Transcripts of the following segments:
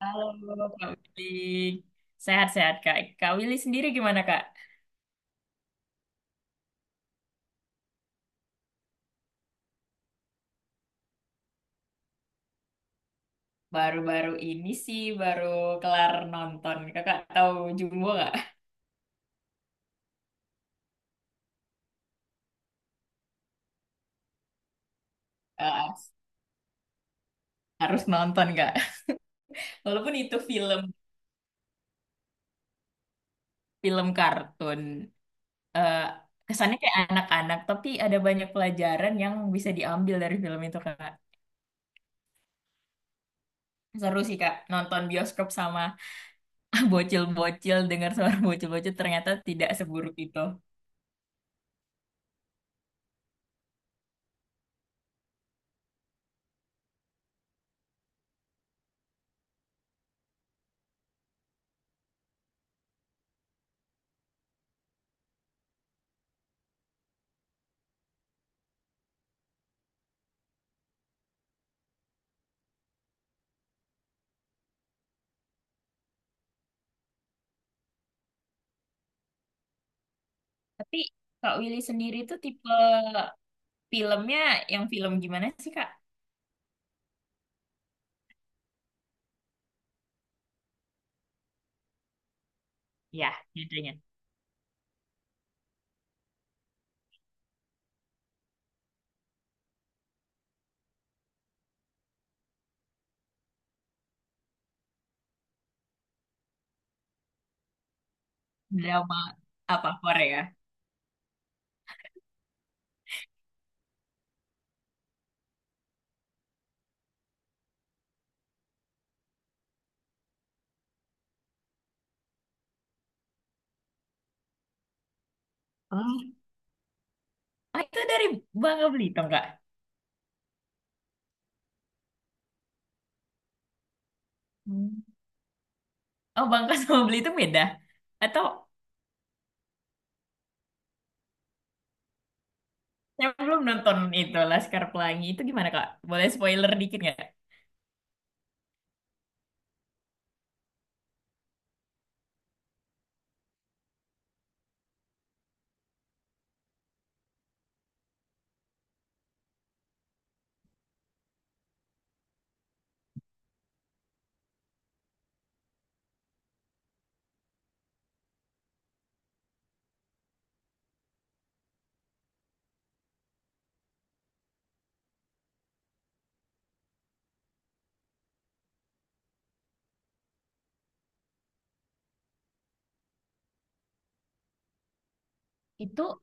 Halo Kak Willy, sehat-sehat Kak. Kak Willy sendiri gimana Kak? Baru-baru ini sih baru kelar nonton. Kakak tahu Jumbo nggak? Eh, Harus nonton Kak. Walaupun itu film film kartun, eh, kesannya kayak anak-anak, tapi ada banyak pelajaran yang bisa diambil dari film itu Kak. Seru sih Kak, nonton bioskop sama bocil-bocil, dengar suara bocil-bocil ternyata tidak seburuk itu. Tapi Kak Willy sendiri tuh tipe filmnya yang film gimana sih, Kak? Ya, judulnya. Drama apa Korea? Ah, ah, itu dari Bangka Belitung, Kak. Hmm. Oh, Bangka sama Belitung beda. Atau saya belum nonton itu Laskar Pelangi. Itu gimana, Kak? Boleh spoiler dikit nggak? Itu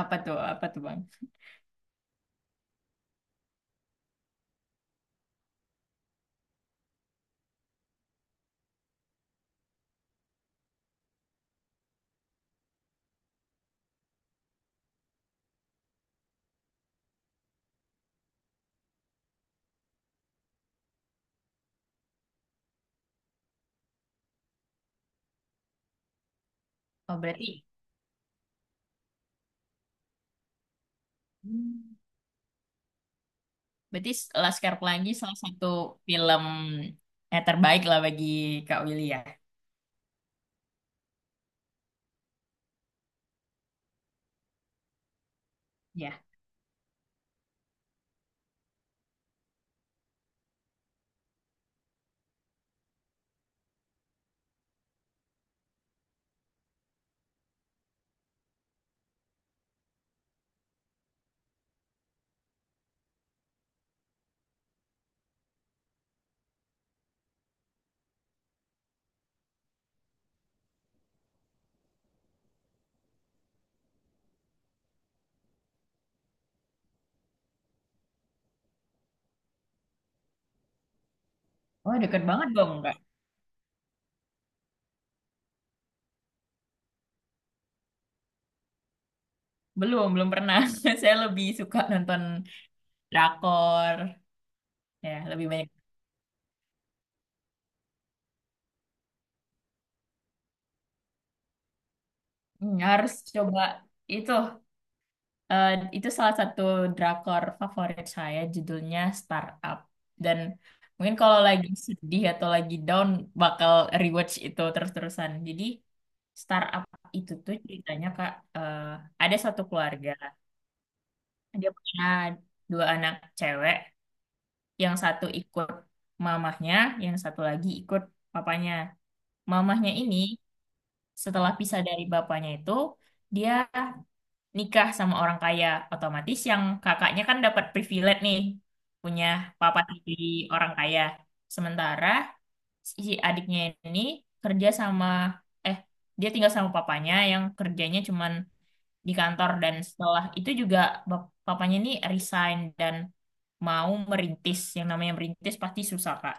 apa tuh? Apa tuh, Bang? Oh, berarti, hmm, berarti Laskar Pelangi salah satu film terbaik lah bagi Kak Willy ya. Ya. Oh, deket banget dong, Kak. Belum, belum pernah. Saya lebih suka nonton drakor, ya lebih banyak. Hmm, harus coba itu, eh, itu salah satu drakor favorit saya judulnya Startup, dan mungkin kalau lagi sedih atau lagi down bakal rewatch itu terus-terusan. Jadi Startup itu tuh ceritanya Kak, eh, ada satu keluarga, dia punya dua anak cewek, yang satu ikut mamahnya, yang satu lagi ikut papanya. Mamahnya ini setelah pisah dari bapaknya itu dia nikah sama orang kaya, otomatis yang kakaknya kan dapat privilege nih, punya papa tiri orang kaya. Sementara si adiknya ini kerja sama, eh dia tinggal sama papanya yang kerjanya cuman di kantor, dan setelah itu juga papanya ini resign dan mau merintis. Yang namanya merintis pasti susah Kak,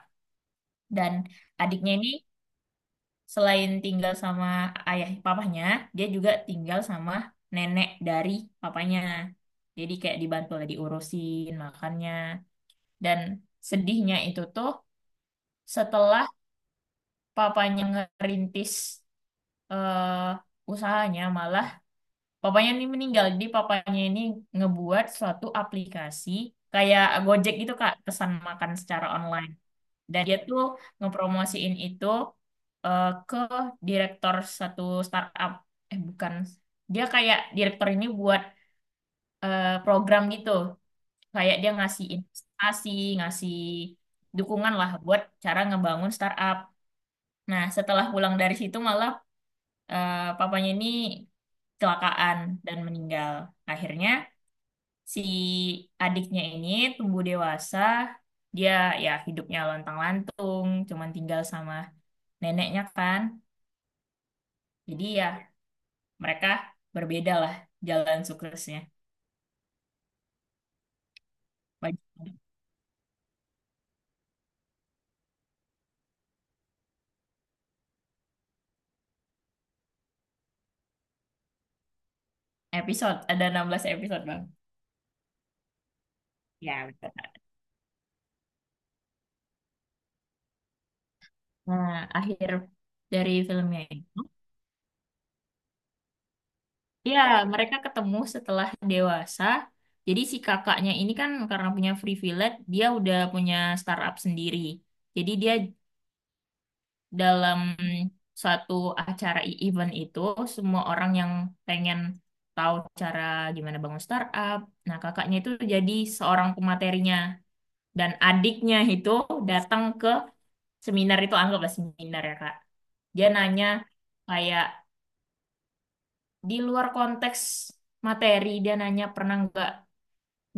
dan adiknya ini selain tinggal sama ayah papahnya, dia juga tinggal sama nenek dari papanya. Jadi kayak dibantu lah, diurusin makannya. Dan sedihnya itu tuh setelah papanya ngerintis usahanya malah papanya ini meninggal. Jadi papanya ini ngebuat suatu aplikasi kayak Gojek gitu Kak, pesan makan secara online. Dan dia tuh ngepromosiin itu ke direktur satu startup. Eh bukan, dia kayak direktur ini buat program gitu. Kayak dia ngasih investasi, ngasih dukungan lah buat cara ngebangun startup. Nah, setelah pulang dari situ malah papanya ini kecelakaan dan meninggal. Akhirnya si adiknya ini tumbuh dewasa, dia ya hidupnya lontang-lantung, cuman tinggal sama neneknya kan. Jadi ya mereka berbeda lah jalan suksesnya. Banyak episode, ada 16 episode bang. Ya, betul. Nah, akhir dari filmnya itu, ya mereka ketemu setelah dewasa. Jadi si kakaknya ini kan karena punya privilege, dia udah punya startup sendiri. Jadi dia dalam suatu acara event itu, semua orang yang pengen tahu cara gimana bangun startup. Nah, kakaknya itu jadi seorang pematerinya dan adiknya itu datang ke seminar itu, anggaplah seminar ya, Kak. Dia nanya kayak di luar konteks materi, dia nanya pernah nggak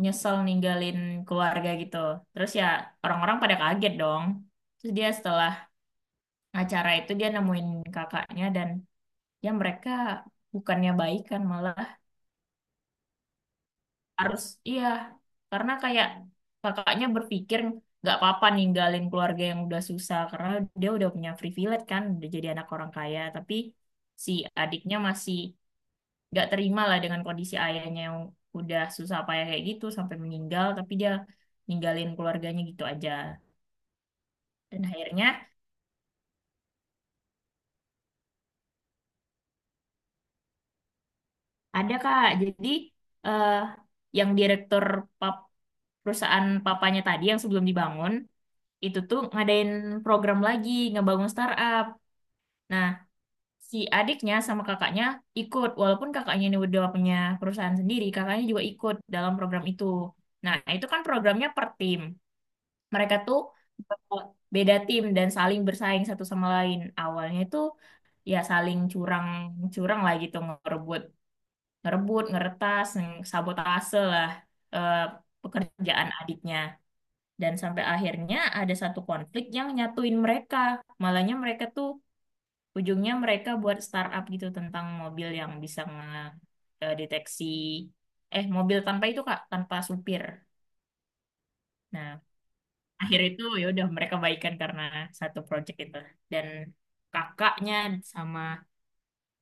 nyesel ninggalin keluarga gitu. Terus ya orang-orang pada kaget dong. Terus dia setelah acara itu dia nemuin kakaknya dan ya mereka bukannya baik kan malah harus, iya, karena kayak kakaknya berpikir nggak apa-apa ninggalin keluarga yang udah susah karena dia udah punya privilege kan, udah jadi anak orang kaya, tapi si adiknya masih nggak terima lah dengan kondisi ayahnya yang udah susah payah kayak gitu sampai meninggal tapi dia ninggalin keluarganya gitu aja. Dan akhirnya ada kak, jadi eh yang direktur pap- perusahaan papanya tadi yang sebelum dibangun itu tuh ngadain program lagi, ngebangun startup. Nah, si adiknya sama kakaknya ikut, walaupun kakaknya ini udah punya perusahaan sendiri, kakaknya juga ikut dalam program itu. Nah, itu kan programnya per tim. Mereka tuh eh, beda tim dan saling bersaing satu sama lain. Awalnya itu ya saling curang-curang lah gitu, ngerebut, ngerebut, ngeretas, sabotase lah eh, pekerjaan adiknya. Dan sampai akhirnya ada satu konflik yang nyatuin mereka. Malahnya mereka tuh ujungnya mereka buat startup gitu tentang mobil yang bisa ngedeteksi, eh, mobil tanpa itu Kak, tanpa supir. Nah, akhir itu ya udah mereka baikan karena satu project itu. Dan kakaknya sama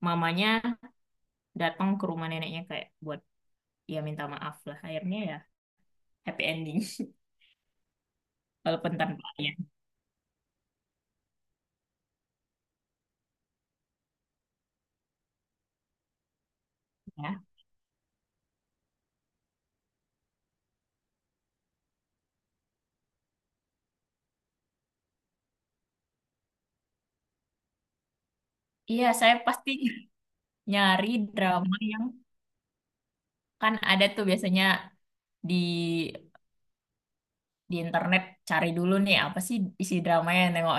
mamanya datang ke rumah neneknya kayak buat ya minta maaf lah. Akhirnya ya happy ending, walaupun tanpa ayah ya. Iya, saya pasti nyari drama yang, kan ada tuh biasanya di di internet cari dulu nih apa sih isi dramanya, nengok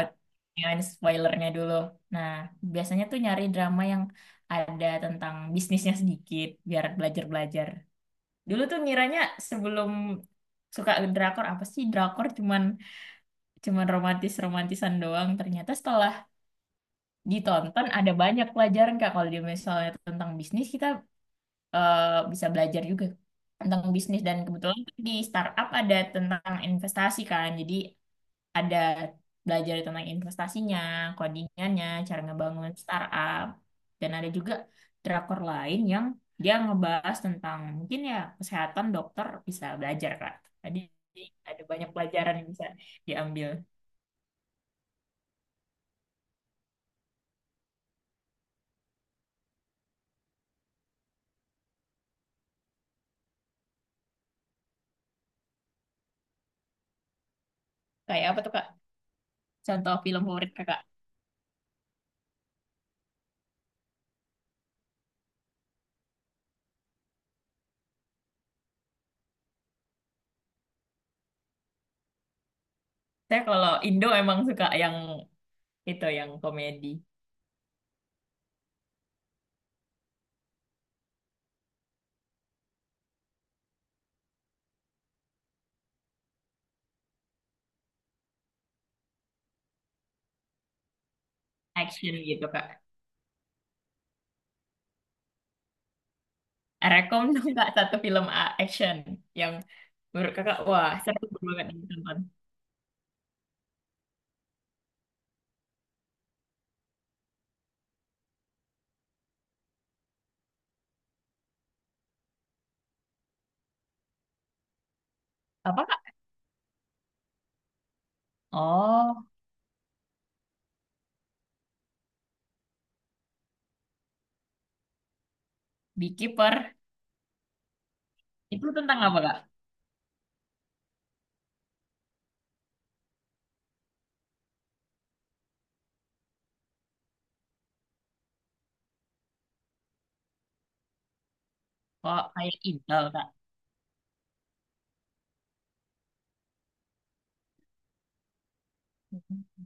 yang spoilernya dulu. Nah, biasanya tuh nyari drama yang ada tentang bisnisnya sedikit biar belajar-belajar. Dulu tuh ngiranya sebelum suka drakor apa sih drakor, cuman cuman romantis-romantisan doang. Ternyata setelah ditonton ada banyak pelajaran Kak, kalau dia misalnya tentang bisnis kita eh, bisa belajar juga tentang bisnis, dan kebetulan di startup ada tentang investasi kan. Jadi ada belajar tentang investasinya, codingannya, cara ngebangun startup, dan ada juga drakor lain yang dia ngebahas tentang mungkin ya kesehatan, dokter bisa belajar Kak. Jadi ada banyak pelajaran yang bisa diambil. Kayak apa tuh Kak? Contoh film favorit Kakak. Saya kalau Indo emang suka yang itu yang komedi action gitu Kak. Rekom dong nggak satu film action yang menurut kakak wah seru banget nih ditonton. Apa kak? Oh, Beekeeper. Itu tentang apa kak? Oh, kayak intel kak? Mhm.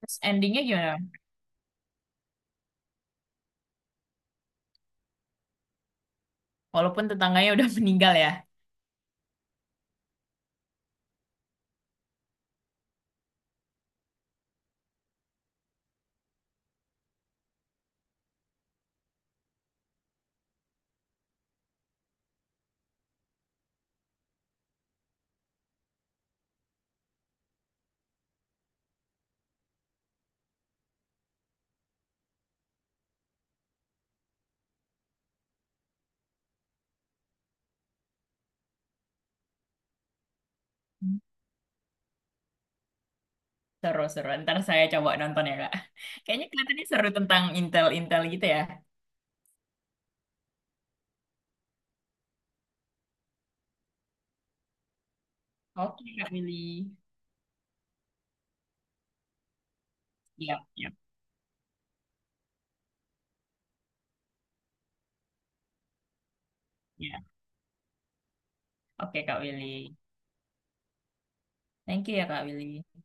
Terus endingnya gimana? Walaupun tetangganya udah meninggal ya. Hmm. Seru seru. Ntar saya coba nonton ya kak. Kayaknya kelihatannya seru tentang intel-intel gitu ya. Oke kak Willy. Iya, iya, iya. Oke kak Willy. Thank you ya kak Willy.